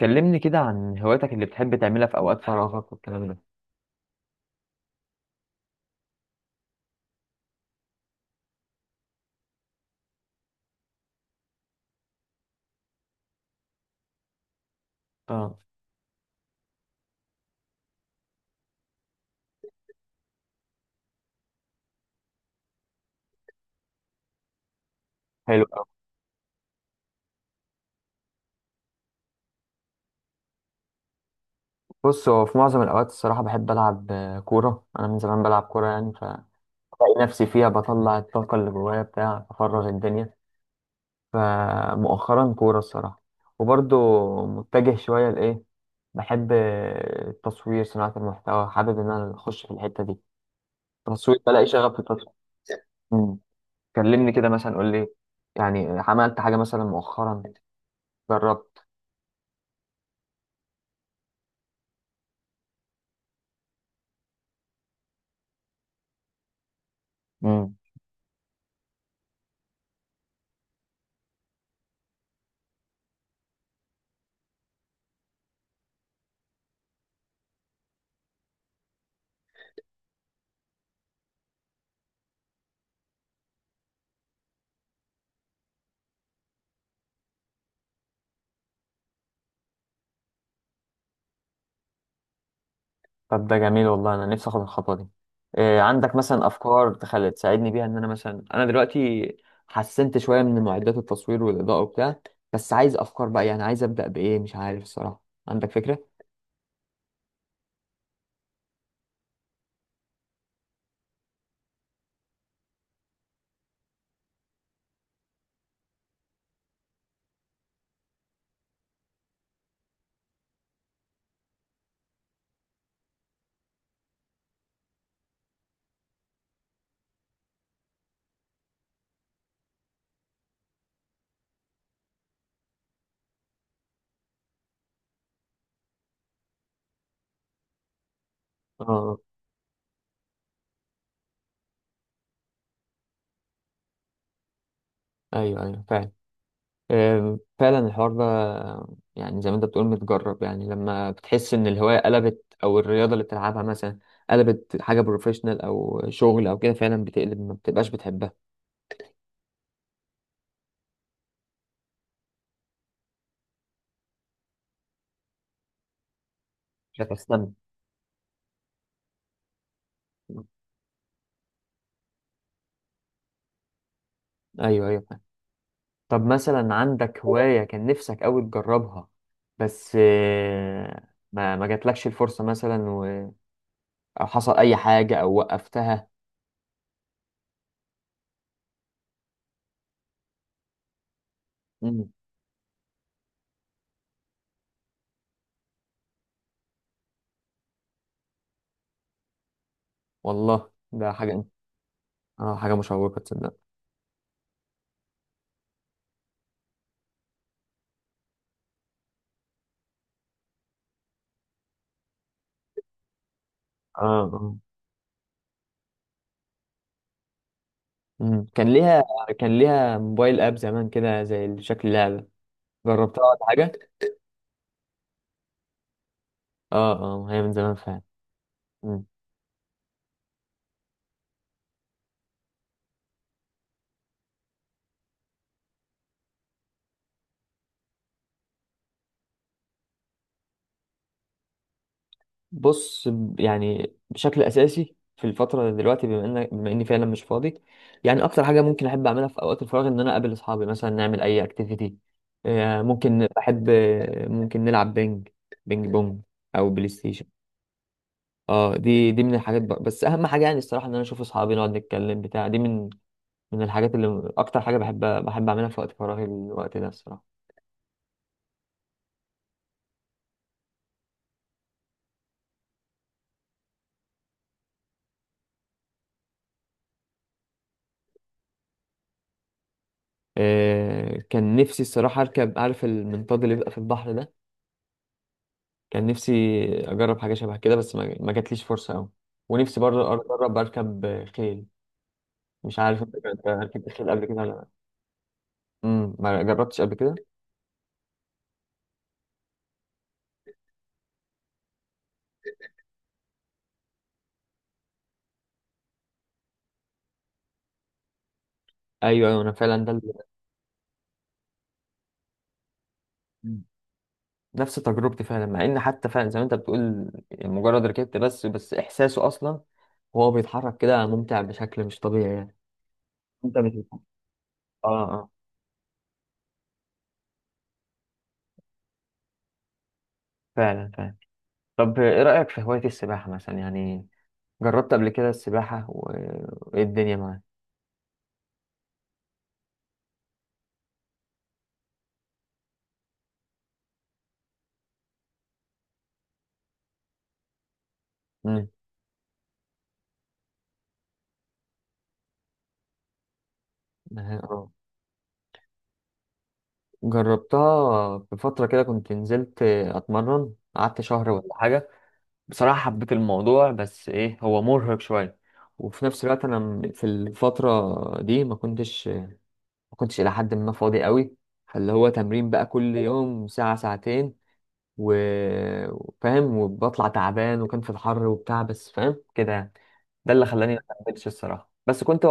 كلمني كده عن هواياتك اللي بتحب تعملها في أوقات فراغك والكلام ده. اه، حلو أوي. بص، هو في معظم الأوقات الصراحة بحب ألعب كورة. أنا من زمان بلعب كورة يعني، فبلاقي نفسي فيها بطلع الطاقة اللي جوايا بتاع أفرغ الدنيا. فمؤخرا كورة الصراحة. وبرضه متجه شوية لإيه، بحب التصوير، صناعة المحتوى. حابب إن أنا أخش في الحتة دي. تصوير، بلاقي شغف في التصوير. مم. كلمني كده مثلا، قول لي يعني عملت حاجة مثلا مؤخرا؟ جربت؟ طب ده جميل، والله انا نفسي اخد الخطوه دي. إيه، عندك مثلا افكار تخلي تساعدني بيها؟ ان انا مثلا انا دلوقتي حسنت شويه من معدات التصوير والاضاءه وبتاع، بس عايز افكار بقى، يعني عايز ابدا بايه مش عارف الصراحه. عندك فكره؟ اه. ايوه ايوه، فعلا. إيه، فعلا الحوار ده. يعني زي ما انت بتقول متجرب، يعني لما بتحس ان الهوايه قلبت او الرياضه اللي بتلعبها مثلا قلبت حاجه بروفيشنال او شغل او كده، فعلا بتقلب ما بتبقاش بتحبها. مش هتستمتع. ايوه ايوه. طب مثلا عندك هواية كان نفسك أوي تجربها بس ما جاتلكش الفرصة مثلا أو حصل أي حاجة أو وقفتها؟ مم. والله ده حاجة. اه، حاجة مشوقة تصدق. اه اه. مم. كان ليها موبايل اب زمان كده زي شكل لعبة. جربتها ولا حاجة؟ اه اه، هي من زمان فعلا. بص يعني بشكل اساسي في الفتره دلوقتي، بما اني فعلا مش فاضي. يعني اكتر حاجه ممكن احب اعملها في اوقات الفراغ ان انا اقابل اصحابي، مثلا نعمل اي اكتيفيتي. ممكن بحب، ممكن نلعب بينج بونج، او بلاي ستيشن. اه، دي من الحاجات بقى. بس اهم حاجه يعني الصراحه ان انا اشوف اصحابي، نقعد نتكلم بتاع. دي من الحاجات اللي اكتر حاجه بحب اعملها في وقت فراغي، الوقت ده الصراحه. كان نفسي الصراحه اركب، عارف، المنطاد اللي بيبقى في البحر ده. كان نفسي اجرب حاجه شبه كده بس ما جاتليش فرصه قوي. ونفسي برضه اجرب اركب خيل. مش عارف انت كنت ركبت خيل قبل كده ولا لا؟ ما جربتش قبل كده. ايوه ايوه، انا فعلا ده مم. نفس تجربتي فعلا، مع ان حتى فعلا زي ما انت بتقول يعني مجرد ركبت، بس احساسه اصلا وهو بيتحرك كده ممتع بشكل مش طبيعي يعني. انت مش بتحب. اه اه، فعلا فعلا. طب ايه رايك في هوايه السباحه مثلا يعني؟ جربت قبل كده السباحه وايه الدنيا معاك؟ امم جربتها بفترة كده، كنت نزلت أتمرن قعدت شهر ولا حاجة. بصراحة حبيت الموضوع بس إيه، هو مرهق شوية. وفي نفس الوقت أنا في الفترة دي ما كنتش إلى حد ما فاضي قوي. فاللي هو تمرين بقى كل يوم ساعة ساعتين، وفاهم وبطلع تعبان، وكان في الحر وبتاع، بس فاهم كده يعني. ده اللي خلاني ما كملتش الصراحة، بس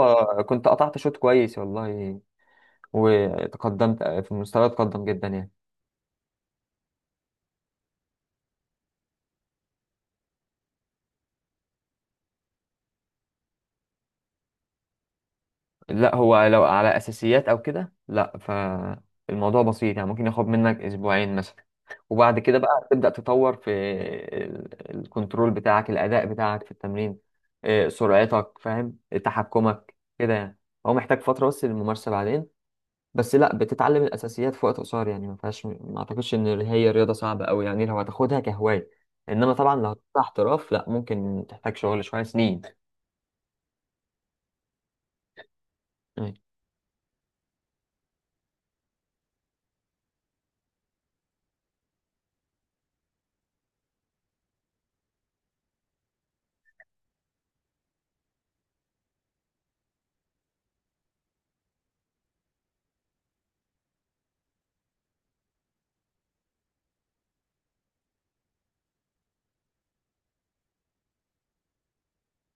كنت قطعت شوط كويس والله. وتقدمت في المستوى اتقدم جدا يعني. لا هو، لو على اساسيات او كده، لا، فالموضوع بسيط يعني. ممكن ياخد منك اسبوعين مثلا، وبعد كده بقى تبدا تطور في الكنترول بتاعك، الاداء بتاعك في التمرين، سرعتك، فاهم، تحكمك كده يعني. هو محتاج فتره بس للممارسه بعدين، بس لا بتتعلم الاساسيات في وقت قصير يعني، ما فيهاش، ما اعتقدش ان هي رياضه صعبه قوي يعني لو هتاخدها كهوايه. انما طبعا لو هتاخدها احتراف لا، ممكن تحتاج شغل شويه سنين.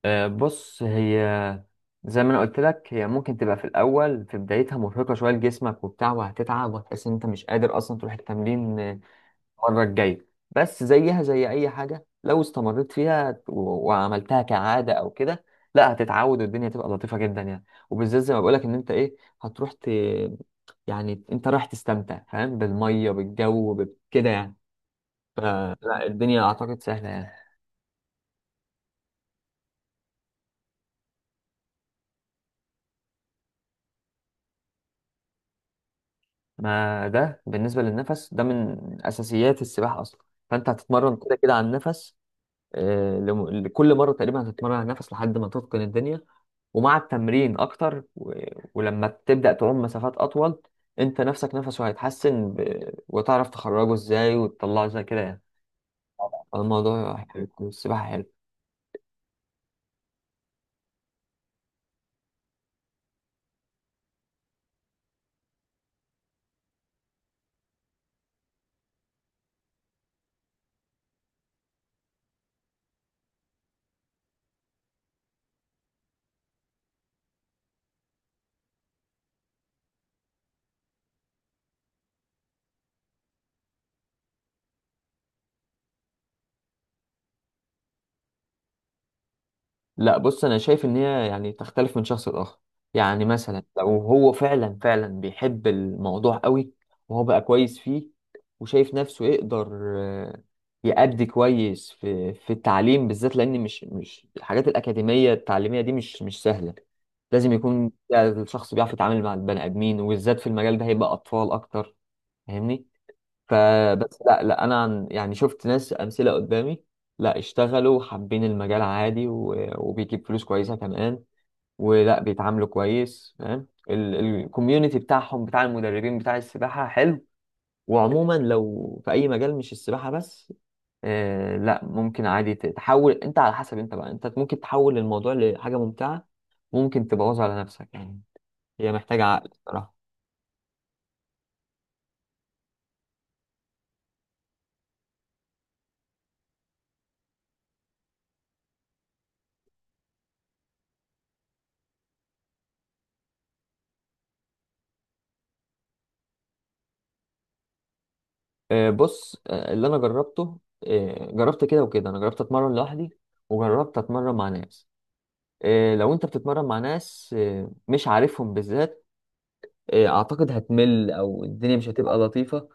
بص هي، زي ما انا قلت لك، هي ممكن تبقى في الاول في بدايتها مرهقه شويه لجسمك وبتاع، وهتتعب وهتحس ان انت مش قادر اصلا تروح التمرين المره الجايه، بس زيها زي اي حاجه لو استمريت فيها وعملتها كعاده او كده، لا هتتعود، والدنيا تبقى لطيفه جدا يعني. وبالذات زي ما بقولك ان انت ايه، هتروح ت... يعني انت رايح تستمتع فاهم بالميه بالجو كده يعني. فلا الدنيا اعتقد سهله يعني. ما ده بالنسبة للنفس ده من أساسيات السباحة أصلا، فأنت هتتمرن كده كده على النفس. لكل مرة تقريبا هتتمرن على النفس لحد ما تتقن الدنيا. ومع التمرين أكتر ولما تبدأ تعوم مسافات أطول، أنت نفسك نفسه هيتحسن وتعرف تخرجه إزاي وتطلعه إزاي كده يعني. الموضوع حلو، السباحة حلوة. لا، بص انا شايف ان هي يعني تختلف من شخص لاخر. يعني مثلا لو هو فعلا فعلا بيحب الموضوع قوي، وهو بقى كويس فيه، وشايف نفسه يقدر، آه، يأدي كويس في التعليم، بالذات لان مش الحاجات الاكاديميه التعليميه دي مش سهله. لازم يكون الشخص بيعرف يتعامل مع البني ادمين، وبالذات في المجال ده هيبقى اطفال اكتر، فاهمني؟ فبس لا لا، انا عن يعني شفت ناس امثله قدامي، لا اشتغلوا حابين المجال عادي وبيجيب فلوس كويسه كمان. ولا بيتعاملوا كويس فاهم، الكوميونتي بتاعهم بتاع المدربين بتاع السباحه حلو. وعموما لو في اي مجال مش السباحه بس، آه، لا ممكن عادي تحول. انت على حسب انت بقى، انت ممكن تحول الموضوع لحاجه ممتعه، ممكن تبوظها على نفسك يعني. هي محتاجه عقل صراحه. بص اللي انا جربته، جربت كده وكده. انا جربت اتمرن لوحدي وجربت اتمرن مع ناس. لو انت بتتمرن مع ناس مش عارفهم بالذات، اعتقد هتمل او الدنيا مش هتبقى لطيفة.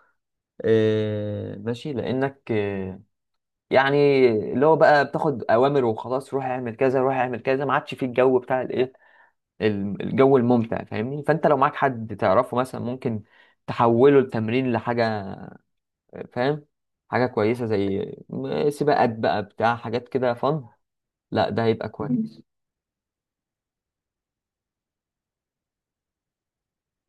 ماشي، لانك يعني، اللي هو بقى بتاخد اوامر وخلاص، روح اعمل كذا روح اعمل كذا، ما عادش فيه الجو بتاع الايه، الجو الممتع، فاهمني؟ فانت لو معاك حد تعرفه مثلا، ممكن تحوله التمرين لحاجة، فاهم، حاجة كويسة زي سباقات بقى بتاع حاجات كده فن. لا، ده هيبقى كويس.